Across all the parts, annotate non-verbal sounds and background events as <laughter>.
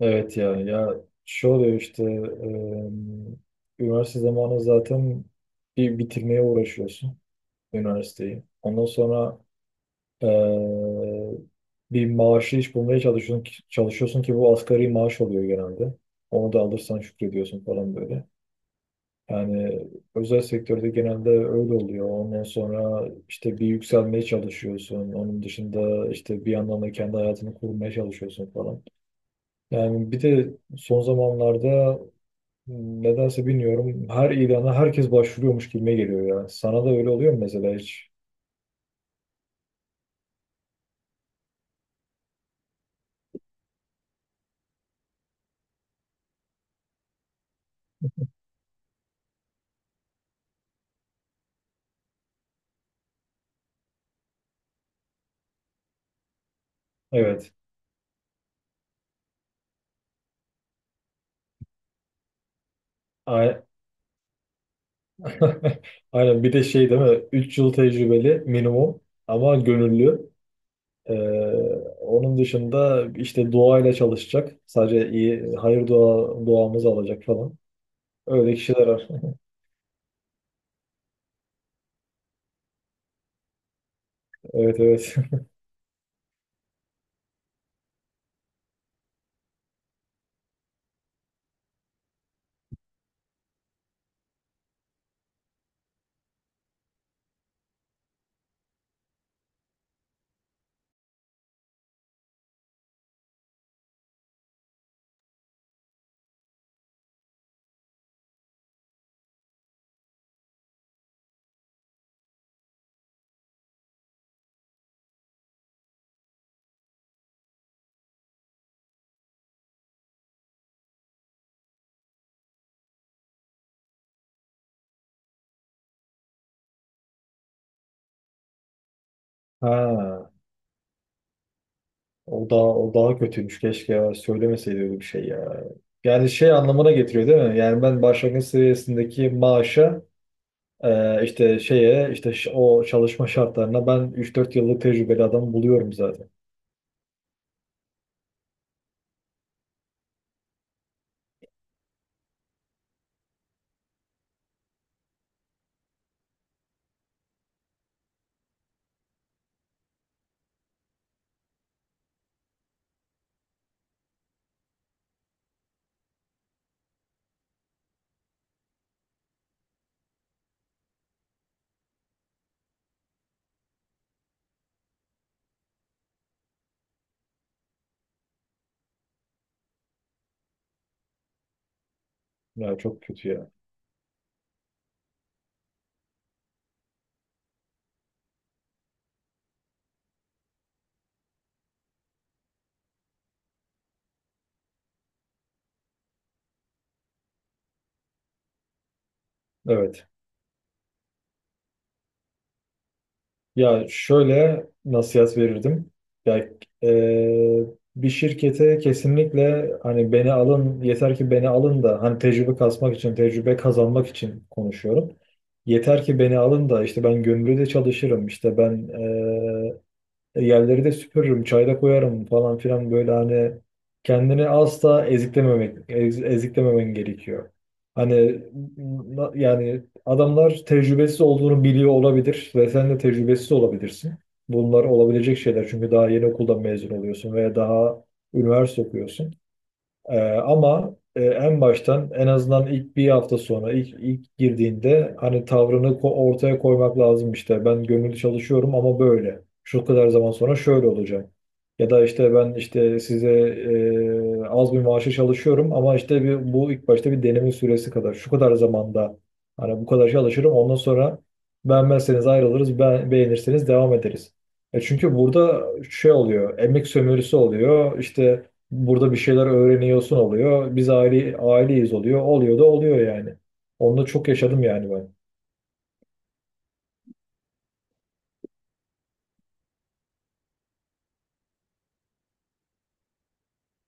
Evet, ya şu oluyor işte üniversite zamanı zaten bir bitirmeye uğraşıyorsun üniversiteyi. Ondan sonra e, bir maaşlı iş bulmaya çalışıyorsun ki bu asgari maaş oluyor genelde. Onu da alırsan şükrediyorsun falan böyle. Yani özel sektörde genelde öyle oluyor. Ondan sonra işte bir yükselmeye çalışıyorsun. Onun dışında işte bir yandan da kendi hayatını kurmaya çalışıyorsun falan. Yani bir de son zamanlarda nedense bilmiyorum. Her ilana herkes başvuruyormuş gibime geliyor ya. Sana da öyle oluyor mu mesela hiç? Evet. A- <laughs> Aynen. Bir de şey değil mi? 3 yıl tecrübeli minimum ama gönüllü. Ee, onun dışında işte duayla çalışacak. Sadece iyi hayır dua duamızı alacak falan. Öyle kişiler var. <laughs> Evet, evet. Ha, o daha kötüymüş. Keşke ya söylemeseydi öyle bir şey ya. Yani şey anlamına getiriyor değil mi? Yani ben başlangıç seviyesindeki maaşa. İşte şeye işte o çalışma şartlarına ben 3-4 yıllık tecrübeli adam buluyorum zaten. Ya çok kötü ya. Evet. Ya şöyle nasihat verirdim. Ya e, bir şirkete kesinlikle hani beni alın, yeter ki beni alın da hani tecrübe kasmak için, tecrübe kazanmak için konuşuyorum. Yeter ki beni alın da işte ben gönüllü de çalışırım. İşte ben e, yerleri de süpürürüm, çayda koyarım falan filan, böyle hani kendini asla eziklememek, eziklememen gerekiyor. Hani yani adamlar tecrübesiz olduğunu biliyor olabilir ve sen de tecrübesiz olabilirsin. Bunlar olabilecek şeyler, çünkü daha yeni okuldan mezun oluyorsun veya daha üniversite okuyorsun. Ee, Ama en baştan, en azından ilk bir hafta sonra ilk girdiğinde hani tavrını ortaya koymak lazım işte. Ben gönüllü çalışıyorum ama böyle, şu kadar zaman sonra şöyle olacak. Ya da işte ben işte size az bir maaşı çalışıyorum ama işte bir, bu ilk başta bir deneme süresi kadar. Şu kadar zamanda hani bu kadar çalışırım, ondan sonra beğenmezseniz ayrılırız, beğenirseniz devam ederiz. E çünkü burada şey oluyor, emek sömürüsü oluyor. İşte burada bir şeyler öğreniyorsun oluyor. Biz aileyiz oluyor. Oluyor da oluyor yani. Onu da çok yaşadım yani ben.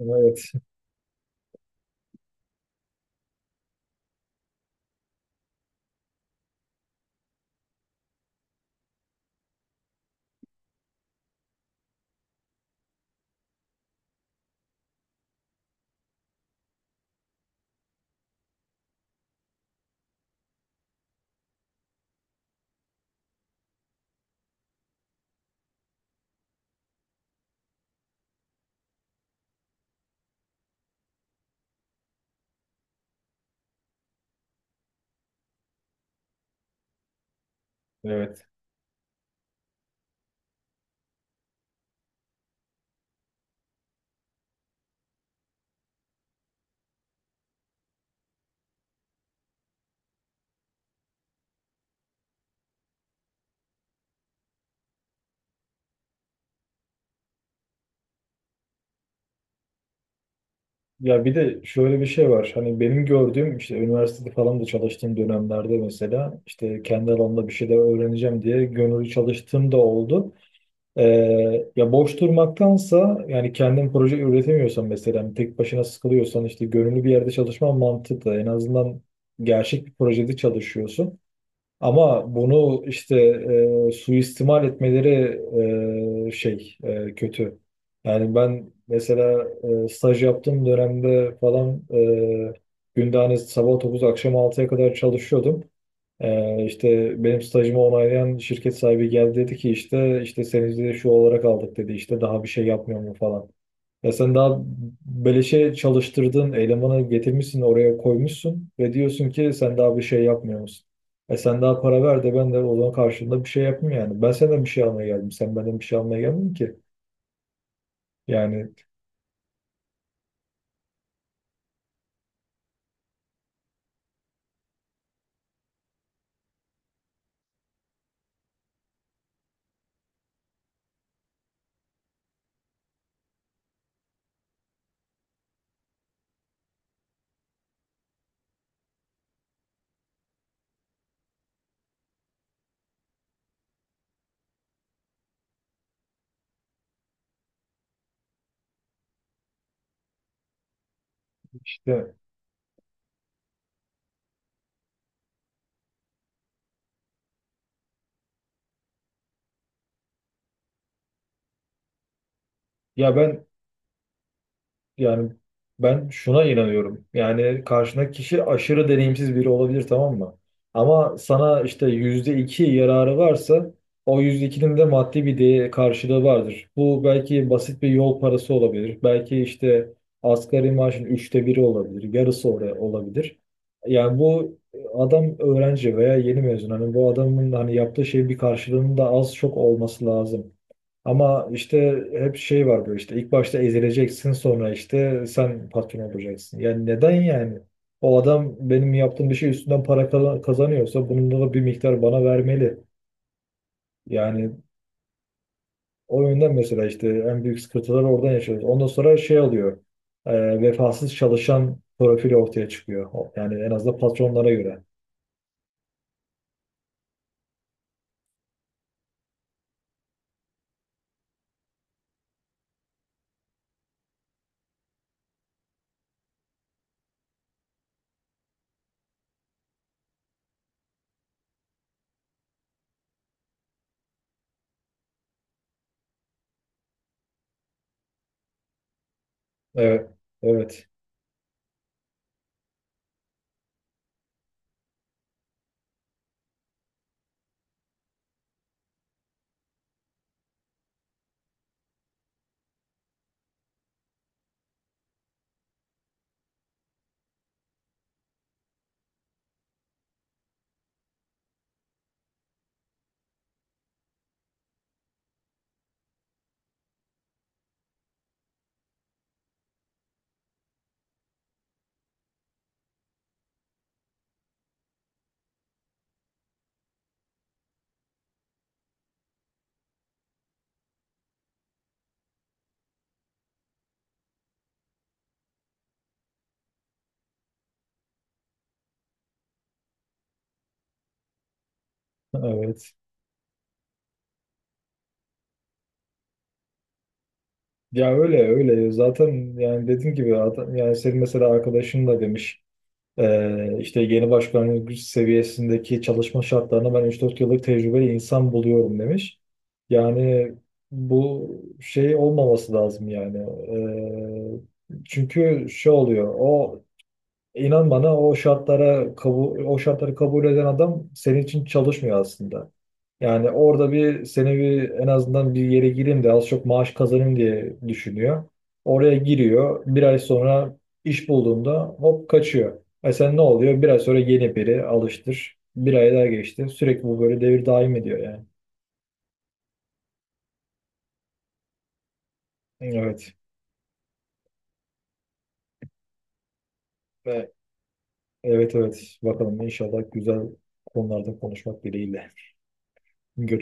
Evet. Evet. Ya bir de şöyle bir şey var. Hani benim gördüğüm, işte üniversitede falan da çalıştığım dönemlerde, mesela işte kendi alanımda bir şeyler öğreneceğim diye gönüllü çalıştığım da oldu. Ya boş durmaktansa, yani kendin proje üretemiyorsan, mesela hani tek başına sıkılıyorsan, işte gönüllü bir yerde çalışman mantıklı. En azından gerçek bir projede çalışıyorsun. Ama bunu işte suistimal etmeleri kötü. Yani ben mesela staj yaptığım dönemde falan günde hani sabah 9 akşam 6'ya kadar çalışıyordum. İşte benim stajımı onaylayan şirket sahibi geldi, dedi ki işte işte senizi de şu olarak aldık, dedi, işte daha bir şey yapmıyor mu falan. Ya sen daha beleşe çalıştırdığın elemanı getirmişsin oraya koymuşsun ve diyorsun ki sen daha bir şey yapmıyor musun? E sen daha para ver de ben de o zaman karşılığında bir şey yapayım yani. Ben senden bir şey almaya geldim. Sen benden bir şey almaya gelmedin ki. Yani işte ya ben. Yani ben şuna inanıyorum. Yani karşındaki kişi aşırı deneyimsiz biri olabilir, tamam mı? Ama sana işte %2 yararı varsa o %2'nin de maddi bir değer karşılığı vardır. Bu belki basit bir yol parası olabilir. Belki işte asgari maaşın 1/3 olabilir. Yarısı oraya olabilir. Yani bu adam öğrenci veya yeni mezun. Hani bu adamın hani yaptığı şeyin bir karşılığının da az çok olması lazım. Ama işte hep şey var, böyle işte ilk başta ezileceksin, sonra işte sen patron olacaksın. Yani neden yani? O adam benim yaptığım bir şey üstünden para kazanıyorsa bunun da bir miktar bana vermeli. Yani o yönden mesela işte en büyük sıkıntıları oradan yaşıyoruz. Ondan sonra şey oluyor, vefasız çalışan profili ortaya çıkıyor. Yani en azından patronlara göre. Evet. Evet. <laughs> Evet. Ya öyle öyle. Zaten yani dediğim gibi adam, yani senin mesela arkadaşın da demiş. İşte yeni başkanlık güç seviyesindeki çalışma şartlarına ben 3-4 yıllık tecrübeli insan buluyorum demiş. Yani bu şey olmaması lazım yani. Çünkü şey oluyor. İnan bana, o şartlara kabul, o şartları kabul eden adam senin için çalışmıyor aslında. Yani orada bir seni bir en azından bir yere gireyim de az çok maaş kazanayım diye düşünüyor. Oraya giriyor. Bir ay sonra iş bulduğunda hop kaçıyor. E sen ne oluyor? Bir ay sonra yeni biri alıştır. Bir ay daha geçti. Sürekli bu böyle devir daim ediyor yani. Evet. Ve- Evet, evet. Bakalım, inşallah güzel konularda konuşmak dileğiyle. Görüşürüz.